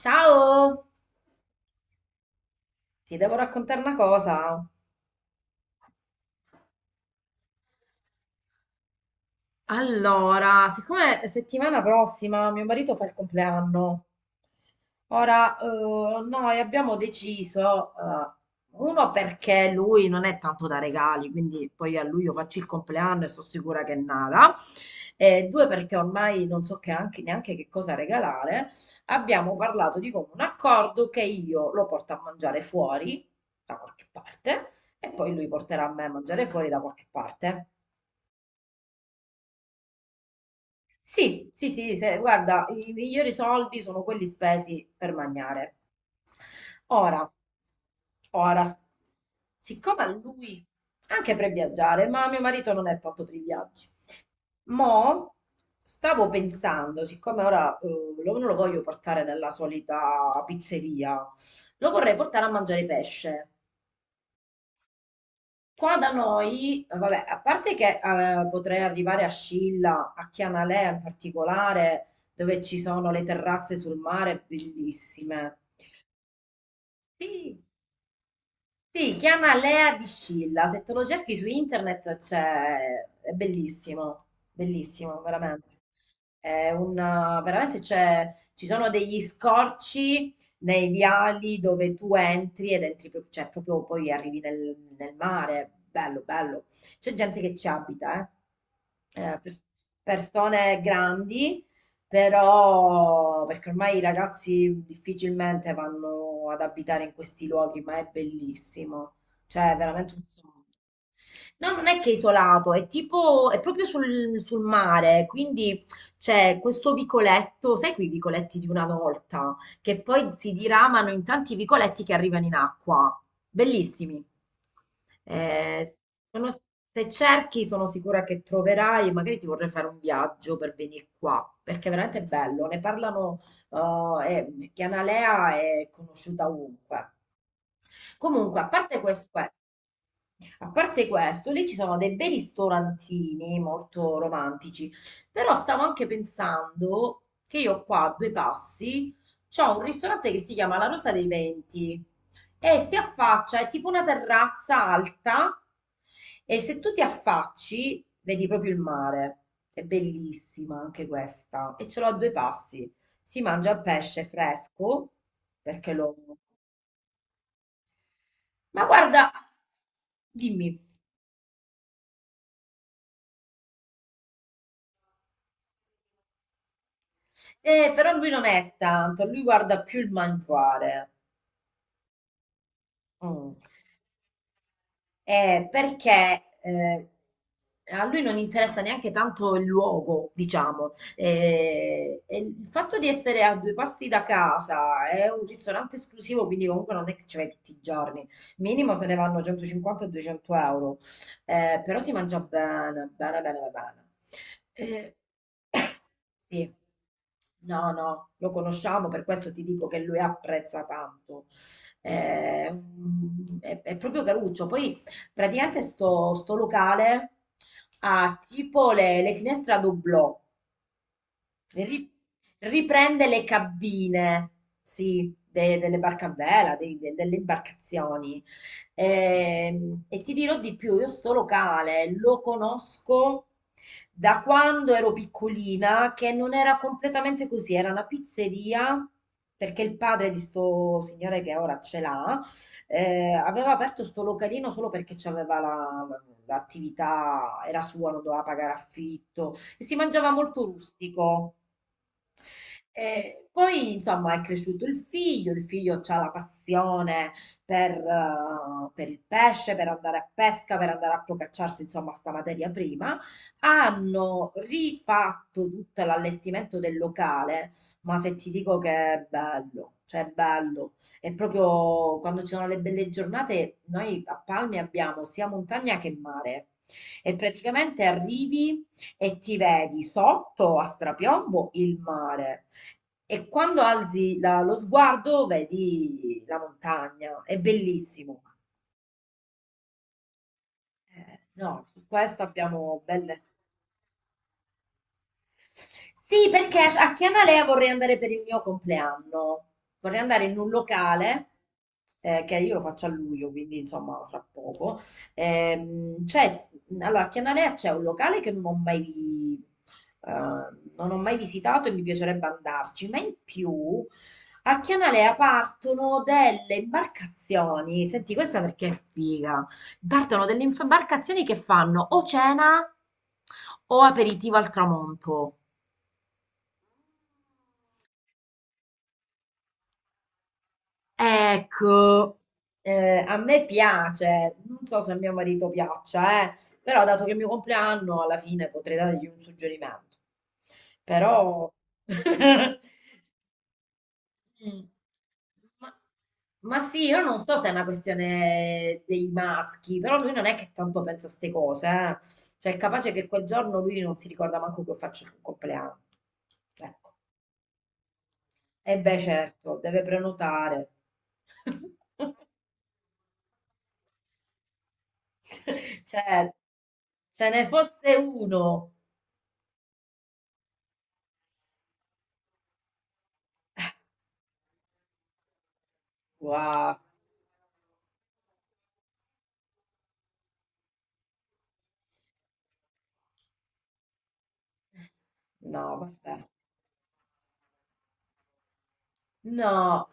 Ciao, ti devo raccontare una cosa. Allora, siccome settimana prossima mio marito fa il compleanno. Ora, noi abbiamo deciso, uno perché lui non è tanto da regali, quindi poi a luglio faccio il compleanno e sono sicura che nada, e due perché ormai non so che neanche che cosa regalare, abbiamo parlato di comune accordo che io lo porto a mangiare fuori da qualche parte e poi lui porterà me a mangiare fuori da qualche parte. Sì, sì, sì, guarda, i migliori soldi sono quelli spesi per mangiare. Ora, ora, siccome a lui, anche per viaggiare, ma mio marito non è tanto per i viaggi, mo stavo pensando, siccome ora non lo voglio portare nella solita pizzeria, lo vorrei portare a mangiare pesce. Qua da noi, vabbè, a parte che potrei arrivare a Scilla, a Chianalè in particolare, dove ci sono le terrazze sul mare bellissime. Sì, sì, chiama Lea di Scilla. Se te lo cerchi su internet c'è, è bellissimo, bellissimo, veramente. È un, veramente c'è, ci sono degli scorci nei viali dove tu entri ed entri, cioè proprio poi arrivi nel, mare. Bello, bello. C'è gente che ci abita, eh. Eh, pers- persone grandi però, perché ormai i ragazzi difficilmente vanno ad abitare in questi luoghi, ma è bellissimo. Cioè, è veramente un sogno. No, non è che è isolato, è tipo, è proprio sul mare, quindi c'è questo vicoletto, sai quei vicoletti di una volta? Che poi si diramano in tanti vicoletti che arrivano in acqua. Bellissimi. Eh, sono- se cerchi, sono sicura che troverai, e magari ti vorrei fare un viaggio per venire qua, perché è veramente bello. Ne parlano, e Chianalea è conosciuta ovunque. Comunque, a parte questo, lì ci sono dei bei ristorantini molto romantici, però stavo anche pensando che io qua a due passi c'ho un ristorante che si chiama La Rosa dei Venti e si affaccia, è tipo una terrazza alta e se tu ti affacci vedi proprio il mare. È bellissima anche questa e ce l'ho a due passi. Si mangia il pesce fresco perché lo. Ma guarda, dimmi. Però lui non è tanto, lui guarda più il mangiare. Mm. Perché a lui non interessa neanche tanto il luogo, diciamo. E il fatto di essere a due passi da casa è un ristorante esclusivo, quindi comunque non è che ci vai tutti i giorni. Minimo se ne vanno 150-200 euro. Però si mangia bene, bene, bene, bene, bene. Eh, sì. No, no, lo conosciamo, per questo ti dico che lui apprezza tanto. È proprio caruccio. Poi praticamente sto locale ha tipo le finestre a doblò. Ri- riprende le cabine, sì, delle barche a vela, delle imbarcazioni. E ti dirò di più, io sto locale lo conosco da quando ero piccolina, che non era completamente così, era una pizzeria. Perché il padre di sto signore che ora ce l'ha, aveva aperto sto localino solo perché c'aveva l'attività, era sua, non doveva pagare affitto, e si mangiava molto rustico. E poi, insomma, è cresciuto il figlio ha la passione per il pesce, per andare a pesca, per andare a procacciarsi, insomma, sta materia prima. Hanno rifatto tutto l'allestimento del locale, ma se ti dico che è bello, cioè è bello. E proprio quando ci sono le belle giornate, noi a Palmi abbiamo sia montagna che mare. E praticamente arrivi e ti vedi sotto a strapiombo il mare. E quando alzi la lo sguardo vedi la montagna, è bellissimo. No, su questo abbiamo belle. Sì, perché a Chianalea vorrei andare per il mio compleanno. Vorrei andare in un locale, che io lo faccio a luglio, quindi insomma fra poco. Ehm, c'è- a Chianalea c'è un locale che non ho mai, eh, non ho mai visitato e mi piacerebbe andarci, ma in più a Chianalea partono delle imbarcazioni. Senti, questa perché è figa. Partono delle imbarcazioni che fanno o cena o aperitivo al tramonto. Ecco. A me piace, non so se a mio marito piaccia, però dato che è il mio compleanno, alla fine potrei dargli un suggerimento. Però. Mm. Ma, ma sì, io non so se è una questione dei maschi, però lui non è che tanto pensa a ste cose, eh. Cioè è capace che quel giorno lui non si ricorda manco che io faccio il compleanno. Ecco. E beh, certo, deve prenotare. Cioè, se ne fosse uno, wow, no, vabbè, no.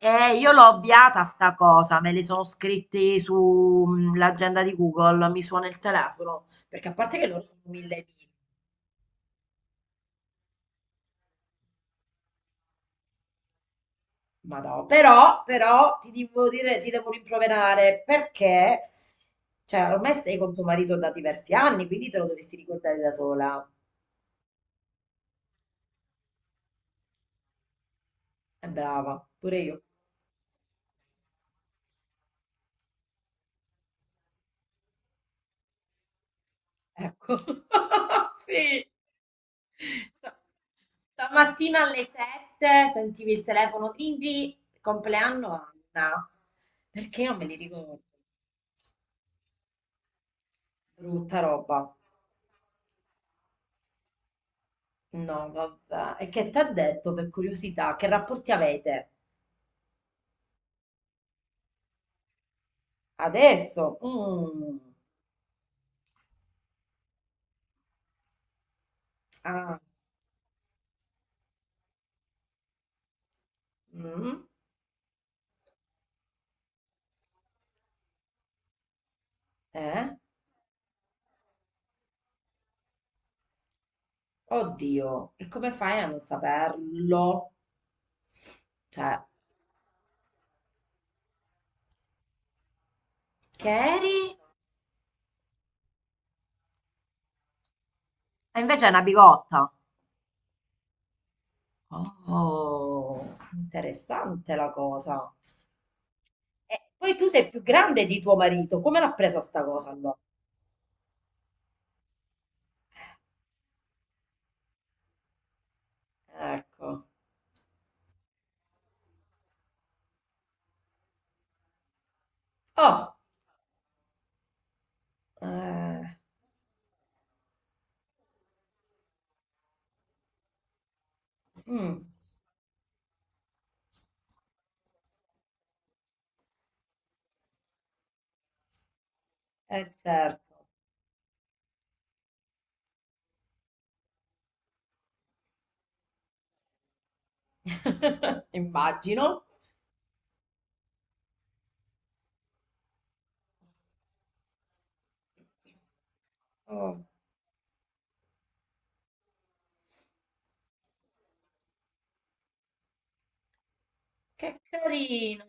E io l'ho ovviata sta cosa, me li sono scritti sull'agenda di Google, mi suona il telefono, perché a parte che loro sono mille mille, ma no, però ti devo dire, ti devo rimproverare perché, cioè, ormai stai con tuo marito da diversi anni, quindi te lo dovresti ricordare da sola. È brava, pure io. Ecco, sì. Sta stamattina alle 7 sentivi il telefono, "Tindri, compleanno Anna", perché io me li ricordo. Brutta roba. No, vabbè. E che ti ha detto per curiosità? Che rapporti avete? Adesso? Mm. Ah. Mm. Eh? Oddio, e come fai a non saperlo? Cioè, che eri? E invece è una bigotta. Oh, interessante la cosa. E poi tu sei più grande di tuo marito, come l'ha presa sta cosa allora? Ecco. Oh, eh, mm, eh, certo. Immagino. Oh, che carino.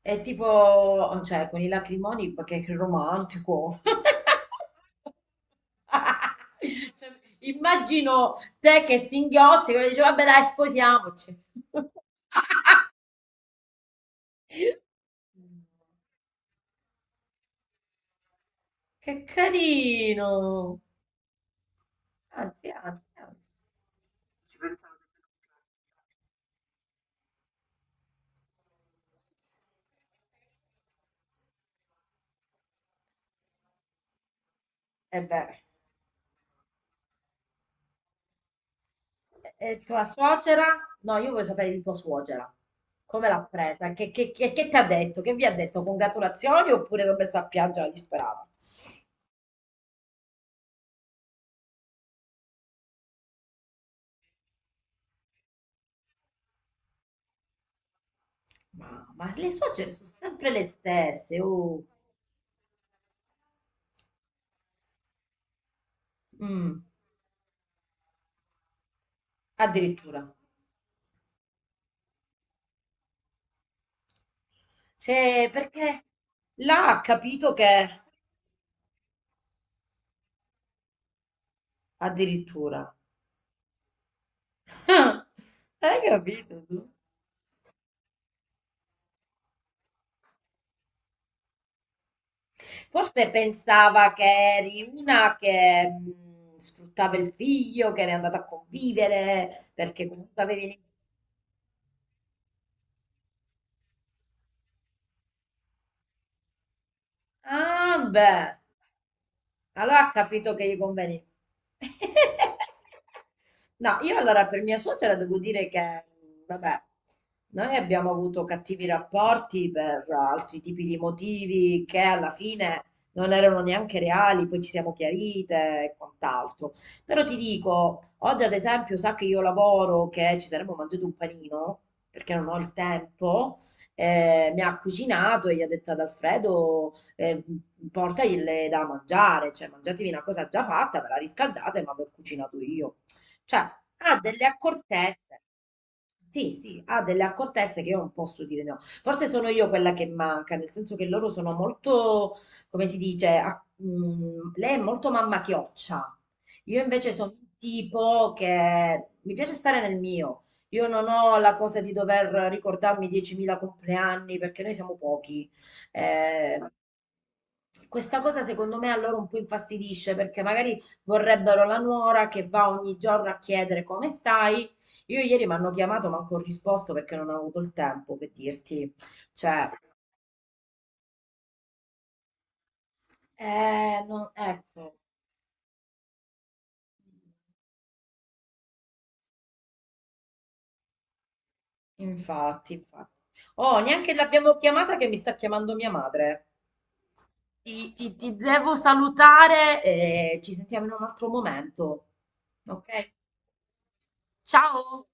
È tipo, cioè, con i lacrimoni perché è romantico. Cioè, immagino te che singhiozzi, quello dice, vabbè dai, sposiamoci. Che carino. Anzi, anzi, anzi. E beh. E tua suocera? No, io voglio sapere di tua suocera. Come l'ha presa? Che ti ha detto? Che vi ha detto? Congratulazioni oppure l'ho messa a piangere la disperata? Ma le suocere sono sempre le stesse, oh. Mm, Addirittura. Se, perché là ha capito che. Addirittura. Hai capito tu? Forse pensava che eri una che sfruttava il figlio, che era andata a convivere, perché comunque avevi. Ah, beh, allora ha capito che gli conveni. No, io allora per mia suocera devo dire che, vabbè, noi abbiamo avuto cattivi rapporti per altri tipi di motivi che alla fine non erano neanche reali, poi ci siamo chiarite e quant'altro. Però ti dico, oggi ad esempio sa che io lavoro, che ci saremmo mangiati un panino, perché non ho il tempo, mi ha cucinato e gli ha detto ad Alfredo eh, portagli da mangiare, cioè mangiatevi una cosa già fatta, ve la riscaldate, ma ve l'ho cucinato io. Cioè, ha delle accortezze. Sì, sì, ha delle accortezze che io non posso dire no. Forse sono io quella che manca, nel senso che loro sono molto, come si dice, lei è molto mamma chioccia. Io invece sono un tipo che mi piace stare nel mio. Io non ho la cosa di dover ricordarmi 10.000 compleanni perché noi siamo pochi. Eh, Questa cosa secondo me a loro un po' infastidisce perché magari vorrebbero la nuora che va ogni giorno a chiedere come stai. Io ieri mi hanno chiamato, ma non ho risposto perché non ho avuto il tempo per dirti. Cioè, ecco, infatti, infatti. Oh, neanche l'abbiamo chiamata che mi sta chiamando mia madre. Ti devo salutare e ci sentiamo in un altro momento. Ok? Ciao!